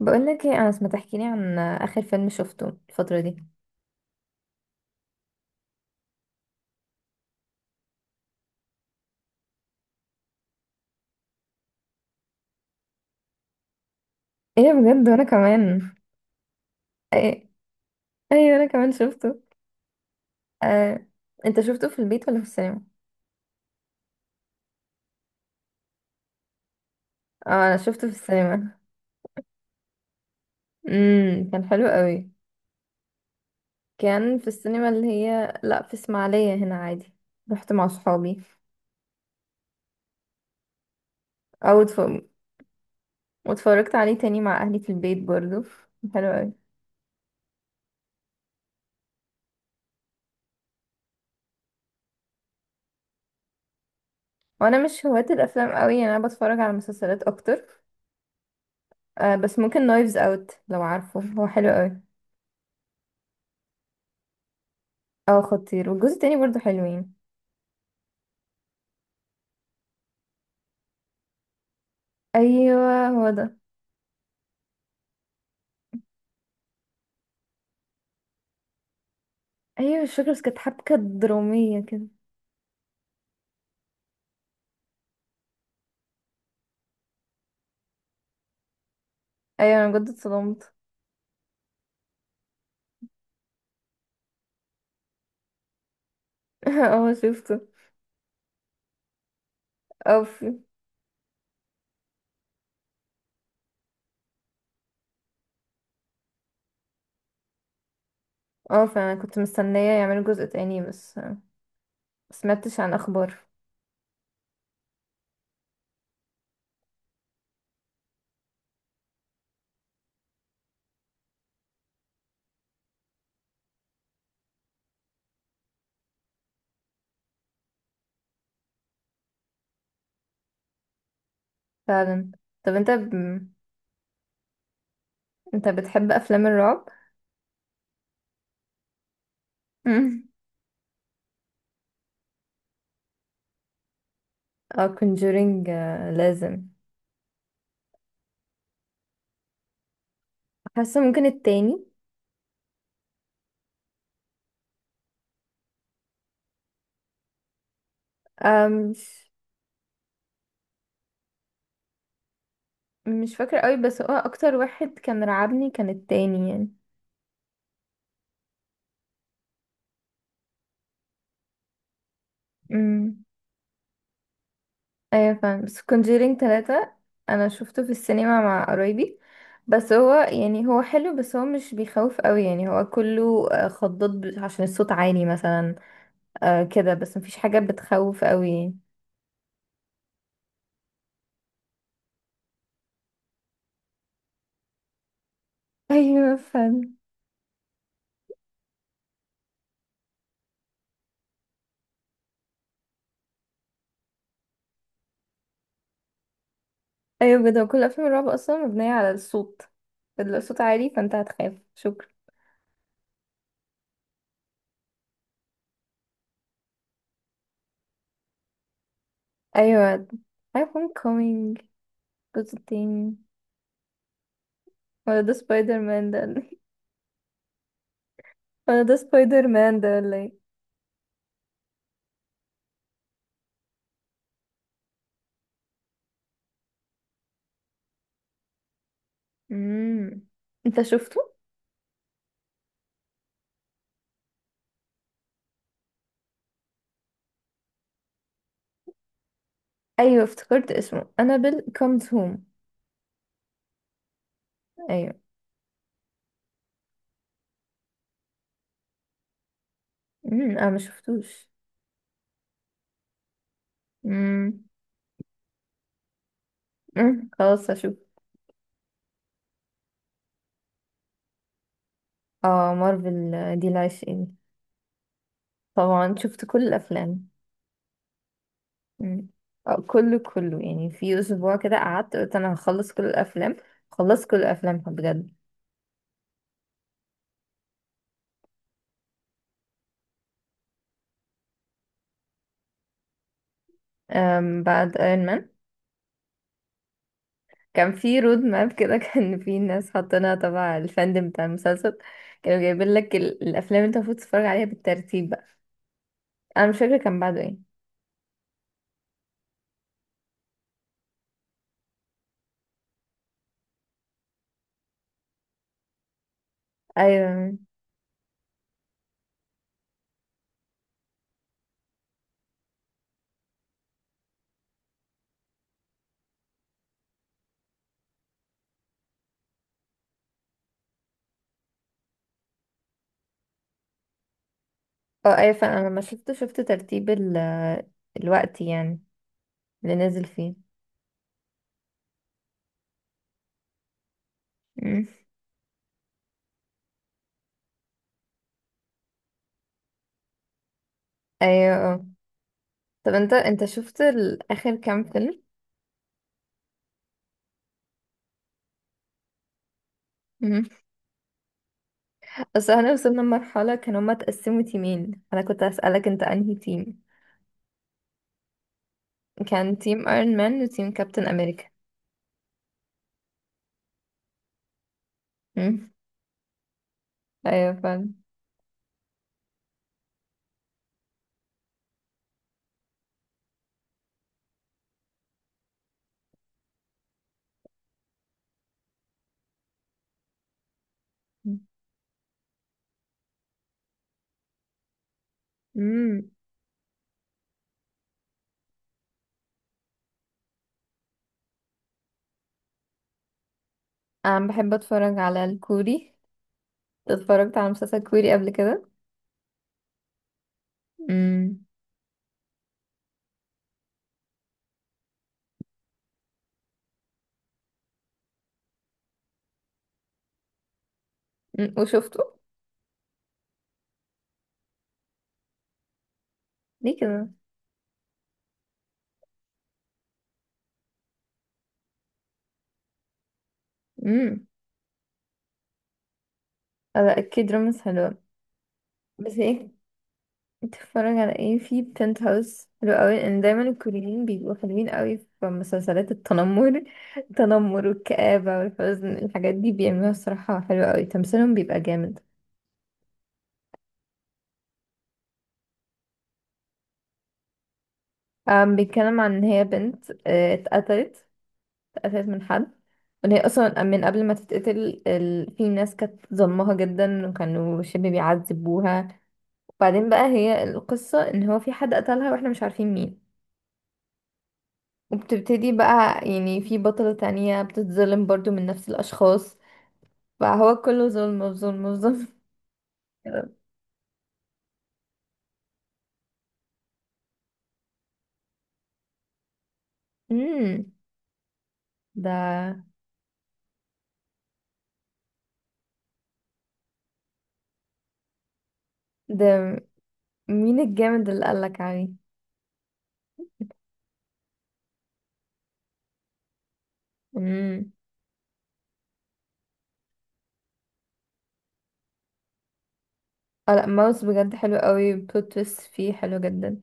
بقولك ايه انس ما تحكيلي عن اخر فيلم شفته الفترة دي؟ ايه بجد، وانا كمان. ايه، ايوه، انا كمان شفته. آه. انت شفته في البيت ولا في السينما؟ اه، انا شفته في السينما. كان حلو قوي. كان في السينما اللي هي لا في اسماعيلية هنا عادي. رحت مع صحابي. او اتف... واتفرجت عليه تاني مع اهلي في البيت برضو. كان حلو قوي. وانا مش هواة الافلام قوي يعني، انا بتفرج على مسلسلات اكتر. بس ممكن نايفز اوت، لو عارفه هو حلو قوي. اه، خطير، والجزء التاني برضو حلوين. ايوه، هو ده. ايوه، مش فاكرة، بس كانت حبكة درامية كده. ايوه، انا بجد اتصدمت. اه، شفته. اه، في. اه، فعلا كنت مستنية يعملوا جزء تاني، بس مسمعتش عن اخبار. فعلا. طب انت ب... انت بتحب افلام الرعب؟ مم. اه، كونجورينج. لازم. حاسة ممكن التاني. آه، مش مش فاكرة قوي، بس هو اكتر واحد كان رعبني كان التاني يعني. مم. ايوه، فاهم، بس كونجيرينج 3. انا شفته في السينما مع قرايبي. بس هو يعني هو حلو، بس هو مش بيخوف قوي يعني، هو كله خضات عشان الصوت عالي مثلا. آه، كده، بس مفيش حاجة بتخوف قوي يعني. ايوه، فاهم. ايوه بجد، هو كل افلام الرعب اصلا مبنية على الصوت. الصوت عالي فانت هتخاف، شكرا. ايوه. I am coming. الجزء التاني. ولا ده سبايدر مان ده؟ ولا ده سبايدر مان ده، ولا ايه؟ مم. انت شفته؟ ايوه، افتكرت اسمه انابل كومز هوم. ايوه. انا ما شفتوش. امم. خلاص هشوف. اه، مارفل، دي العشقين. طبعا شفت كل الافلام. أمم. كله كله يعني، في اسبوع كده قعدت قلت انا هخلص كل الافلام. خلصت كل الافلام بجد. بعد ايرون مان. كان في رود ماب كده كان في ناس حاطينها تبع الفاندم بتاع المسلسل. كانوا جايبين لك الافلام اللي انت المفروض تتفرج عليها بالترتيب بقى. انا مش فاكره كان بعده ايه. ايوه، اه. ايوه فعلا، انا لما شفت، ترتيب ال الوقت يعني. اللي نازل فيه. مم. ايوه، اه. طب انت، شفت اخر كام فيلم؟ مم. اصل احنا وصلنا لمرحلة كانوا هما اتقسموا تيمين، انا كنت اسألك انت انهي تيم. كان تيم ايرون مان وتيم كابتن امريكا. مم. ايوه فعلا. مم. انا بحب اتفرج على الكوري. اتفرجت على مسلسل كوري قبل كده. مم. وشفته؟ ليه كده؟ امم. لا، اكيد رمز حلوة. بس ايه؟ بتتفرج على ايه؟ في بنت هاوس حلو قوي، لان دايما الكوريين بيبقوا حلوين قوي في مسلسلات التنمر. التنمر والكآبة والحزن، الحاجات دي بيعملوها الصراحة حلوة قوي، تمثيلهم بيبقى جامد. بيتكلم عن ان هي بنت اتقتلت. اتقتلت من حد. وان هي اصلا من قبل ما تتقتل في ناس كانت ظلمها جدا، وكانوا شبه بيعذبوها. وبعدين بقى، هي القصة ان هو في حد قتلها، واحنا مش عارفين مين. وبتبتدي بقى يعني، في بطلة تانية بتتظلم برضو من نفس الأشخاص. فهو كله ظلم في ظلم في ظلم كده. امم. ده ده مين الجامد اللي قالك عليه؟ امم. اه، لا، ماوس بجد حلو قوي، بلوت تويست فيه حلو جدا.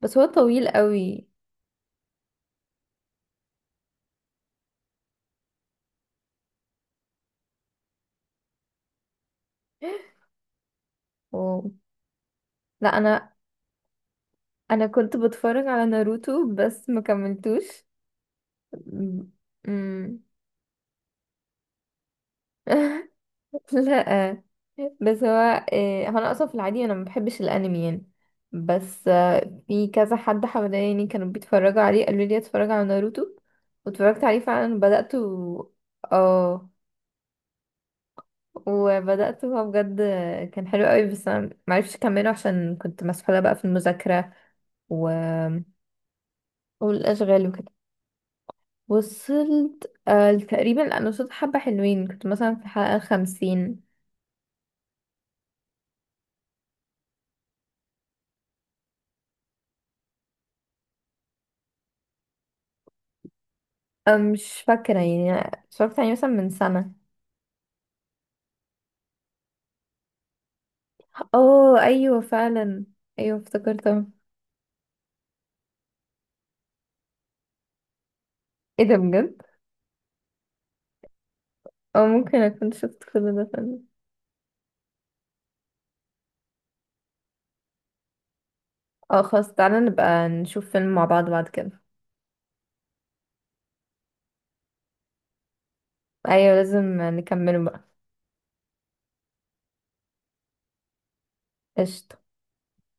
بس هو طويل قوي. أوه. لا، انا كنت بتفرج على ناروتو، بس ما كملتوش. امم. لا. بس هو هو انا اصلا في العادي انا ما بحبش الانمي يعني. بس في كذا حد حواليني كانوا بيتفرجوا عليه، قالوا لي اتفرج على ناروتو. واتفرجت عليه فعلا، اه، وبدأت، هو بجد كان حلو قوي، بس انا معرفش اكمله عشان كنت مسحولة بقى في المذاكرة و... والاشغال وكده. وصلت تقريبا، انا وصلت حبة حلوين، كنت مثلا في الحلقة 50. مش فاكرة يعني، اتفرجت عليه مثلا من سنة. اه ايوه فعلا. ايوه، افتكرتها. ايه ده بجد؟ اه، ممكن اكون شفت كل ده فعلا. اه خلاص، تعالى نبقى نشوف فيلم مع بعض بعد كده. ايوه، لازم نكمله بقى. قشطة.